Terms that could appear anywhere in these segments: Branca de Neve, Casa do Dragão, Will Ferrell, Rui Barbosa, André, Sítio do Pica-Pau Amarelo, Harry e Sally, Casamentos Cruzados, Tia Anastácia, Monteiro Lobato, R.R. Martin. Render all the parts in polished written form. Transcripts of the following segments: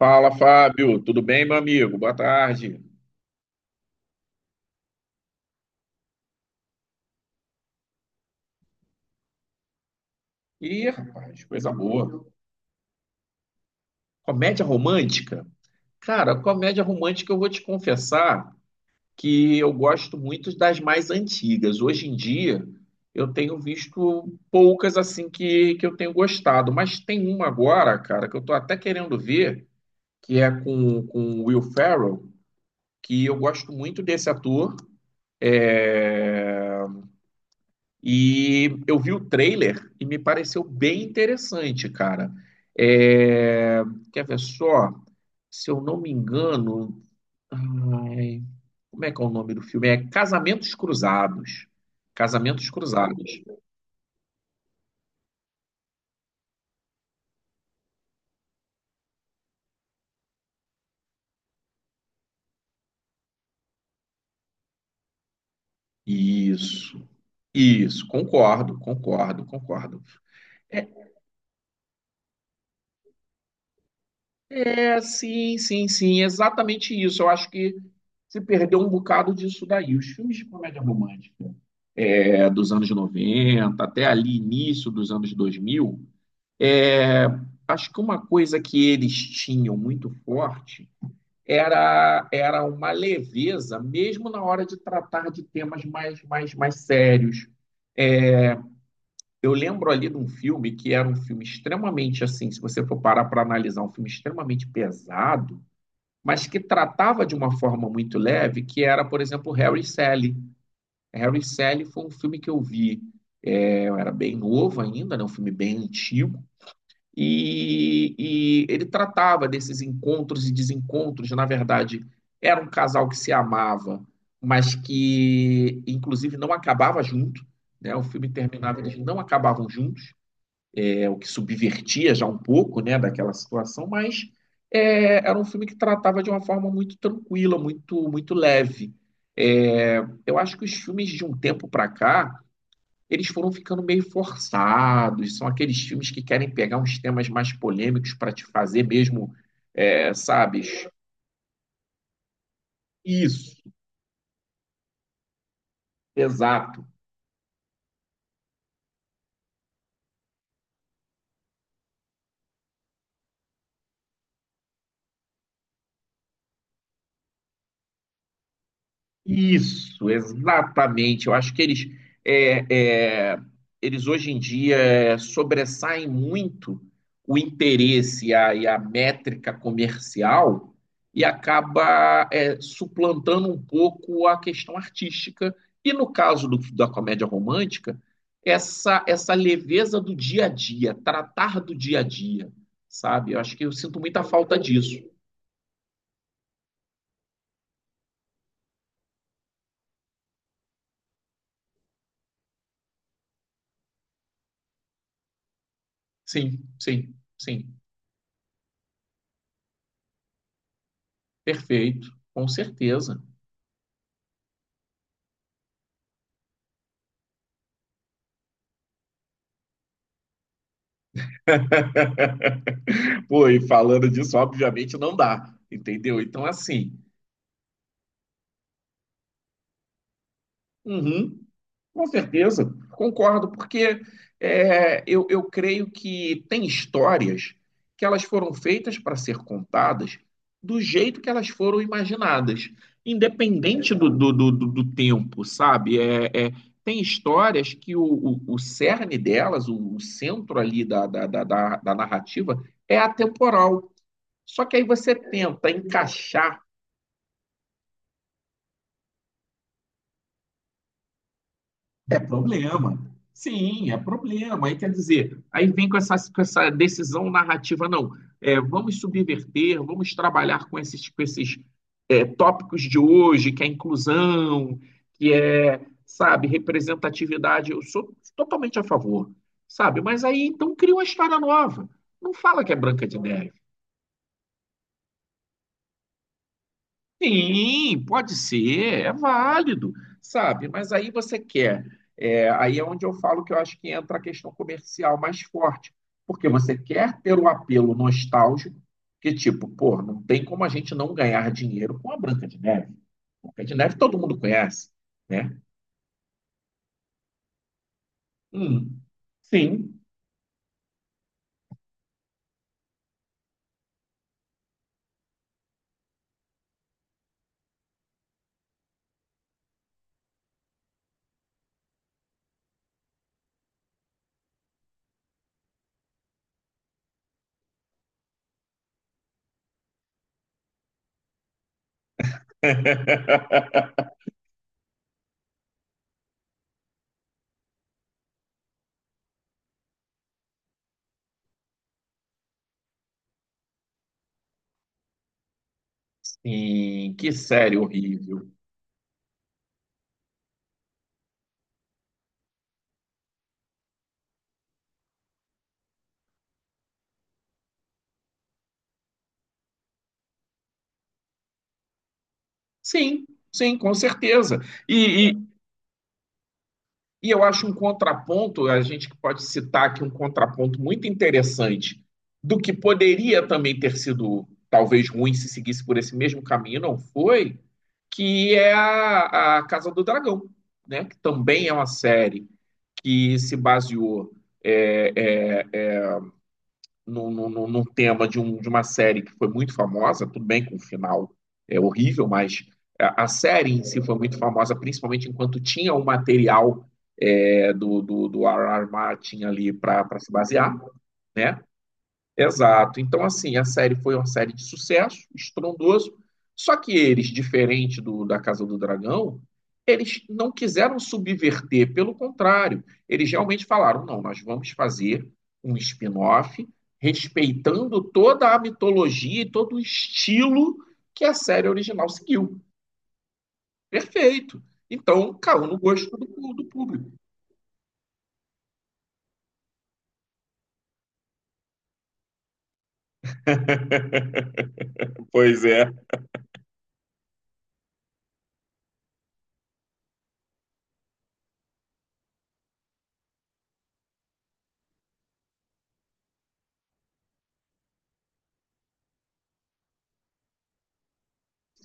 Fala, Fábio. Tudo bem, meu amigo? Boa tarde. Ih, rapaz, coisa boa. Comédia romântica? Cara, comédia romântica eu vou te confessar que eu gosto muito das mais antigas. Hoje em dia eu tenho visto poucas assim que eu tenho gostado, mas tem uma agora, cara, que eu tô até querendo ver, que é com o Will Ferrell, que eu gosto muito desse ator. É, E eu vi o trailer e me pareceu bem interessante, cara. É, Quer ver só? Se eu não me engano, ai, como é que é o nome do filme? É Casamentos Cruzados. Casamentos Cruzados. Isso, isso, concordo, concordo, concordo. É, É, sim, sim, sim, exatamente isso. Eu acho que se perdeu um bocado disso daí. Os filmes de comédia romântica dos anos 90 até ali início dos anos 2000, é, acho que uma coisa que eles tinham muito forte era uma leveza, mesmo na hora de tratar de temas mais sérios. É, Eu lembro ali de um filme que era um filme extremamente assim, se você for parar para analisar, um filme extremamente pesado, mas que tratava de uma forma muito leve, que era, por exemplo, Harry e Sally. Harry e Sally foi um filme que eu vi, eu era bem novo ainda, né, um filme bem antigo, e ele tratava desses encontros e desencontros, na verdade, era um casal que se amava, mas que, inclusive, não acabava junto, né, o filme terminava, eles não acabavam juntos, o que subvertia já um pouco, né, daquela situação, mas era um filme que tratava de uma forma muito tranquila, muito leve. É, eu acho que os filmes de um tempo para cá, eles foram ficando meio forçados, são aqueles filmes que querem pegar uns temas mais polêmicos para te fazer mesmo, sabe? Isso, exato. Isso, exatamente. Eu acho que eles, é, é, eles hoje em dia sobressaem muito o interesse e e a métrica comercial e acaba suplantando um pouco a questão artística. E no caso da comédia romântica, essa leveza do dia a dia, tratar do dia a dia, sabe? Eu acho que eu sinto muita falta disso. Sim, sim, sim. Perfeito, com certeza. Pô, e falando disso, obviamente não dá, entendeu? Então, assim, uhum, com certeza, concordo, porque eu creio que tem histórias que elas foram feitas para ser contadas do jeito que elas foram imaginadas, independente do tempo, sabe? Tem histórias que o cerne delas, o centro ali da narrativa, é atemporal. Só que aí você tenta encaixar, é problema. Sim, é problema. Aí quer dizer, aí vem com essa decisão narrativa, não. É, vamos subverter, vamos trabalhar com esses, com esses tópicos de hoje, que é inclusão, que é, sabe, representatividade. Eu sou totalmente a favor, sabe? Mas aí então cria uma história nova. Não fala que é Branca de Neve. Sim, pode ser, é válido, sabe? Mas aí você quer, aí é onde eu falo que eu acho que entra a questão comercial mais forte, porque você quer ter o apelo nostálgico, que tipo, pô, não tem como a gente não ganhar dinheiro com a Branca de Neve. Branca de Neve todo mundo conhece, né? Hum, sim, sim, que série horrível. Sim, sim, com certeza. E eu acho um contraponto, a gente pode citar aqui um contraponto muito interessante do que poderia também ter sido talvez ruim se seguisse por esse mesmo caminho, não foi, que é a Casa do Dragão, né? Que também é uma série que se baseou é, é, num tema de, um, de uma série que foi muito famosa, tudo bem com o final é horrível, mas a série em si foi muito famosa, principalmente enquanto tinha o material do R.R. Martin ali para se basear, né? Exato. Então, assim, a série foi uma série de sucesso, estrondoso. Só que eles, diferente da Casa do Dragão, eles não quiseram subverter, pelo contrário, eles realmente falaram: não, nós vamos fazer um spin-off respeitando toda a mitologia e todo o estilo que a série original seguiu. Perfeito. Então, caiu no gosto do público. Pois é.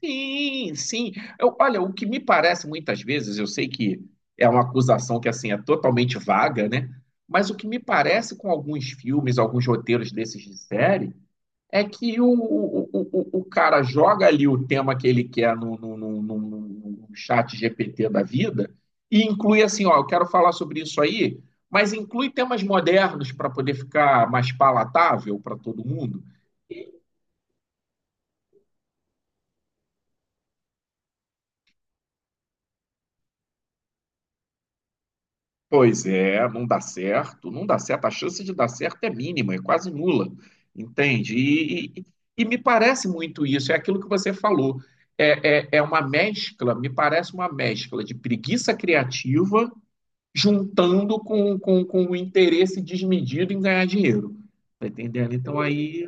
Sim, sim. Eu, olha, o que me parece muitas vezes, eu sei que é uma acusação que assim é totalmente vaga, né? Mas o que me parece com alguns filmes, alguns roteiros desses de série, é que o cara joga ali o tema que ele quer no chat GPT da vida e inclui assim, ó, eu quero falar sobre isso aí, mas inclui temas modernos para poder ficar mais palatável para todo mundo. Pois é, não dá certo, não dá certo. A chance de dar certo é mínima, é quase nula, entende? E me parece muito isso, é aquilo que você falou. É uma mescla, me parece uma mescla de preguiça criativa juntando com o interesse desmedido em ganhar dinheiro. Tá entendendo? Então aí.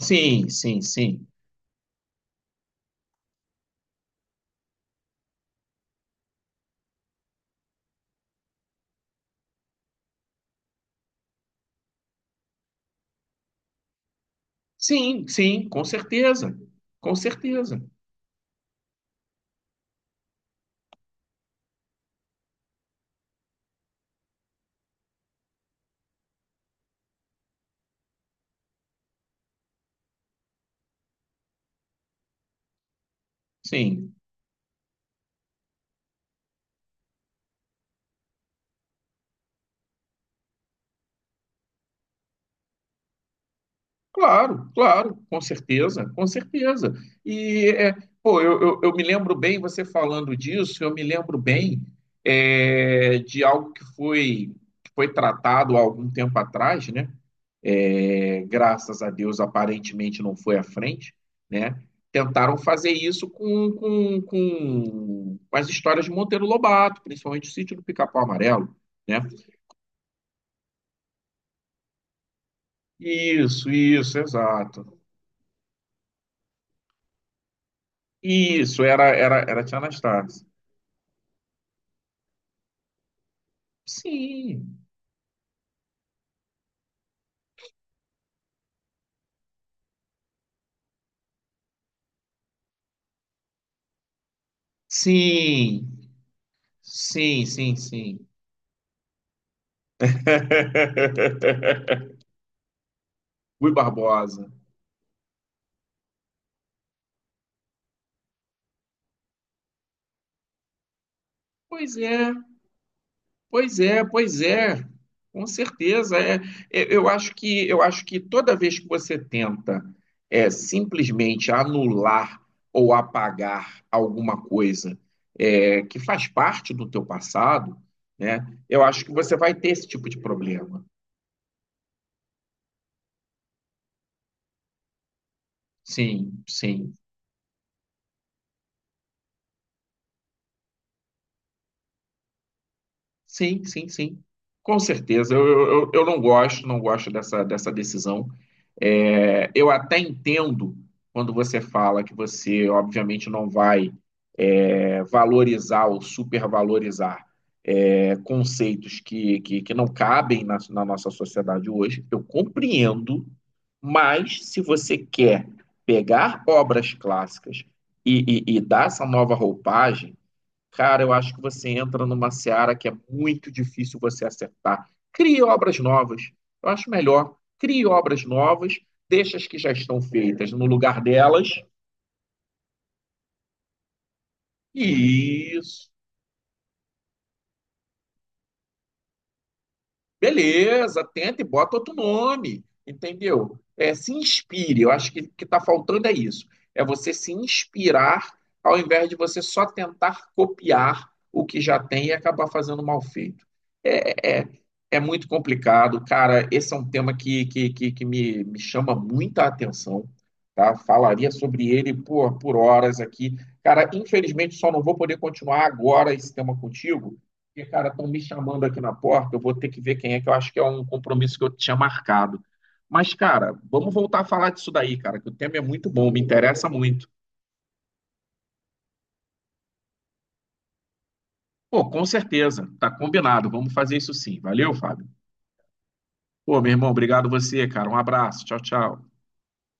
Sim, sim, sim. Sim, sim, com certeza. Com certeza. Sim. Claro, claro, com certeza, com certeza. E, é, pô, eu me lembro bem, você falando disso, eu me lembro bem de algo que foi tratado há algum tempo atrás, né? É, graças a Deus, aparentemente não foi à frente, né? Tentaram fazer isso com as histórias de Monteiro Lobato, principalmente o Sítio do Pica-Pau Amarelo, né? Isso, exato. Isso, era a Tia Anastácia. Sim, sim, sim, sim, sim. Rui Barbosa. Pois é, pois é, pois é. Com certeza. Eu acho que toda vez que você tenta simplesmente anular ou apagar alguma coisa que faz parte do teu passado, né? Eu acho que você vai ter esse tipo de problema. Sim, sim. Sim, sim, sim. Com certeza. Eu não gosto, não gosto dessa decisão. É, eu até entendo quando você fala que você, obviamente, não vai valorizar ou supervalorizar conceitos que não cabem na nossa sociedade hoje. Eu compreendo, mas se você quer pegar obras clássicas e dar essa nova roupagem. Cara, eu acho que você entra numa seara que é muito difícil você acertar. Crie obras novas. Eu acho melhor. Crie obras novas, deixa as que já estão feitas no lugar delas. E Beleza, tenta e bota outro nome, entendeu? É, se inspire, eu acho que está faltando é isso. É você se inspirar ao invés de você só tentar copiar o que já tem e acabar fazendo mal feito. É, é, é muito complicado, cara. Esse é um tema que me, me chama muita atenção, tá? Falaria sobre ele por horas aqui. Cara, infelizmente só não vou poder continuar agora esse tema contigo porque, cara, estão me chamando aqui na porta, eu vou ter que ver quem é, que eu acho que é um compromisso que eu tinha marcado. Mas, cara, vamos voltar a falar disso daí, cara, que o tema é muito bom, me interessa muito. Pô, com certeza, tá combinado, vamos fazer isso sim. Valeu, Fábio. Pô, meu irmão, obrigado você, cara. Um abraço, tchau, tchau.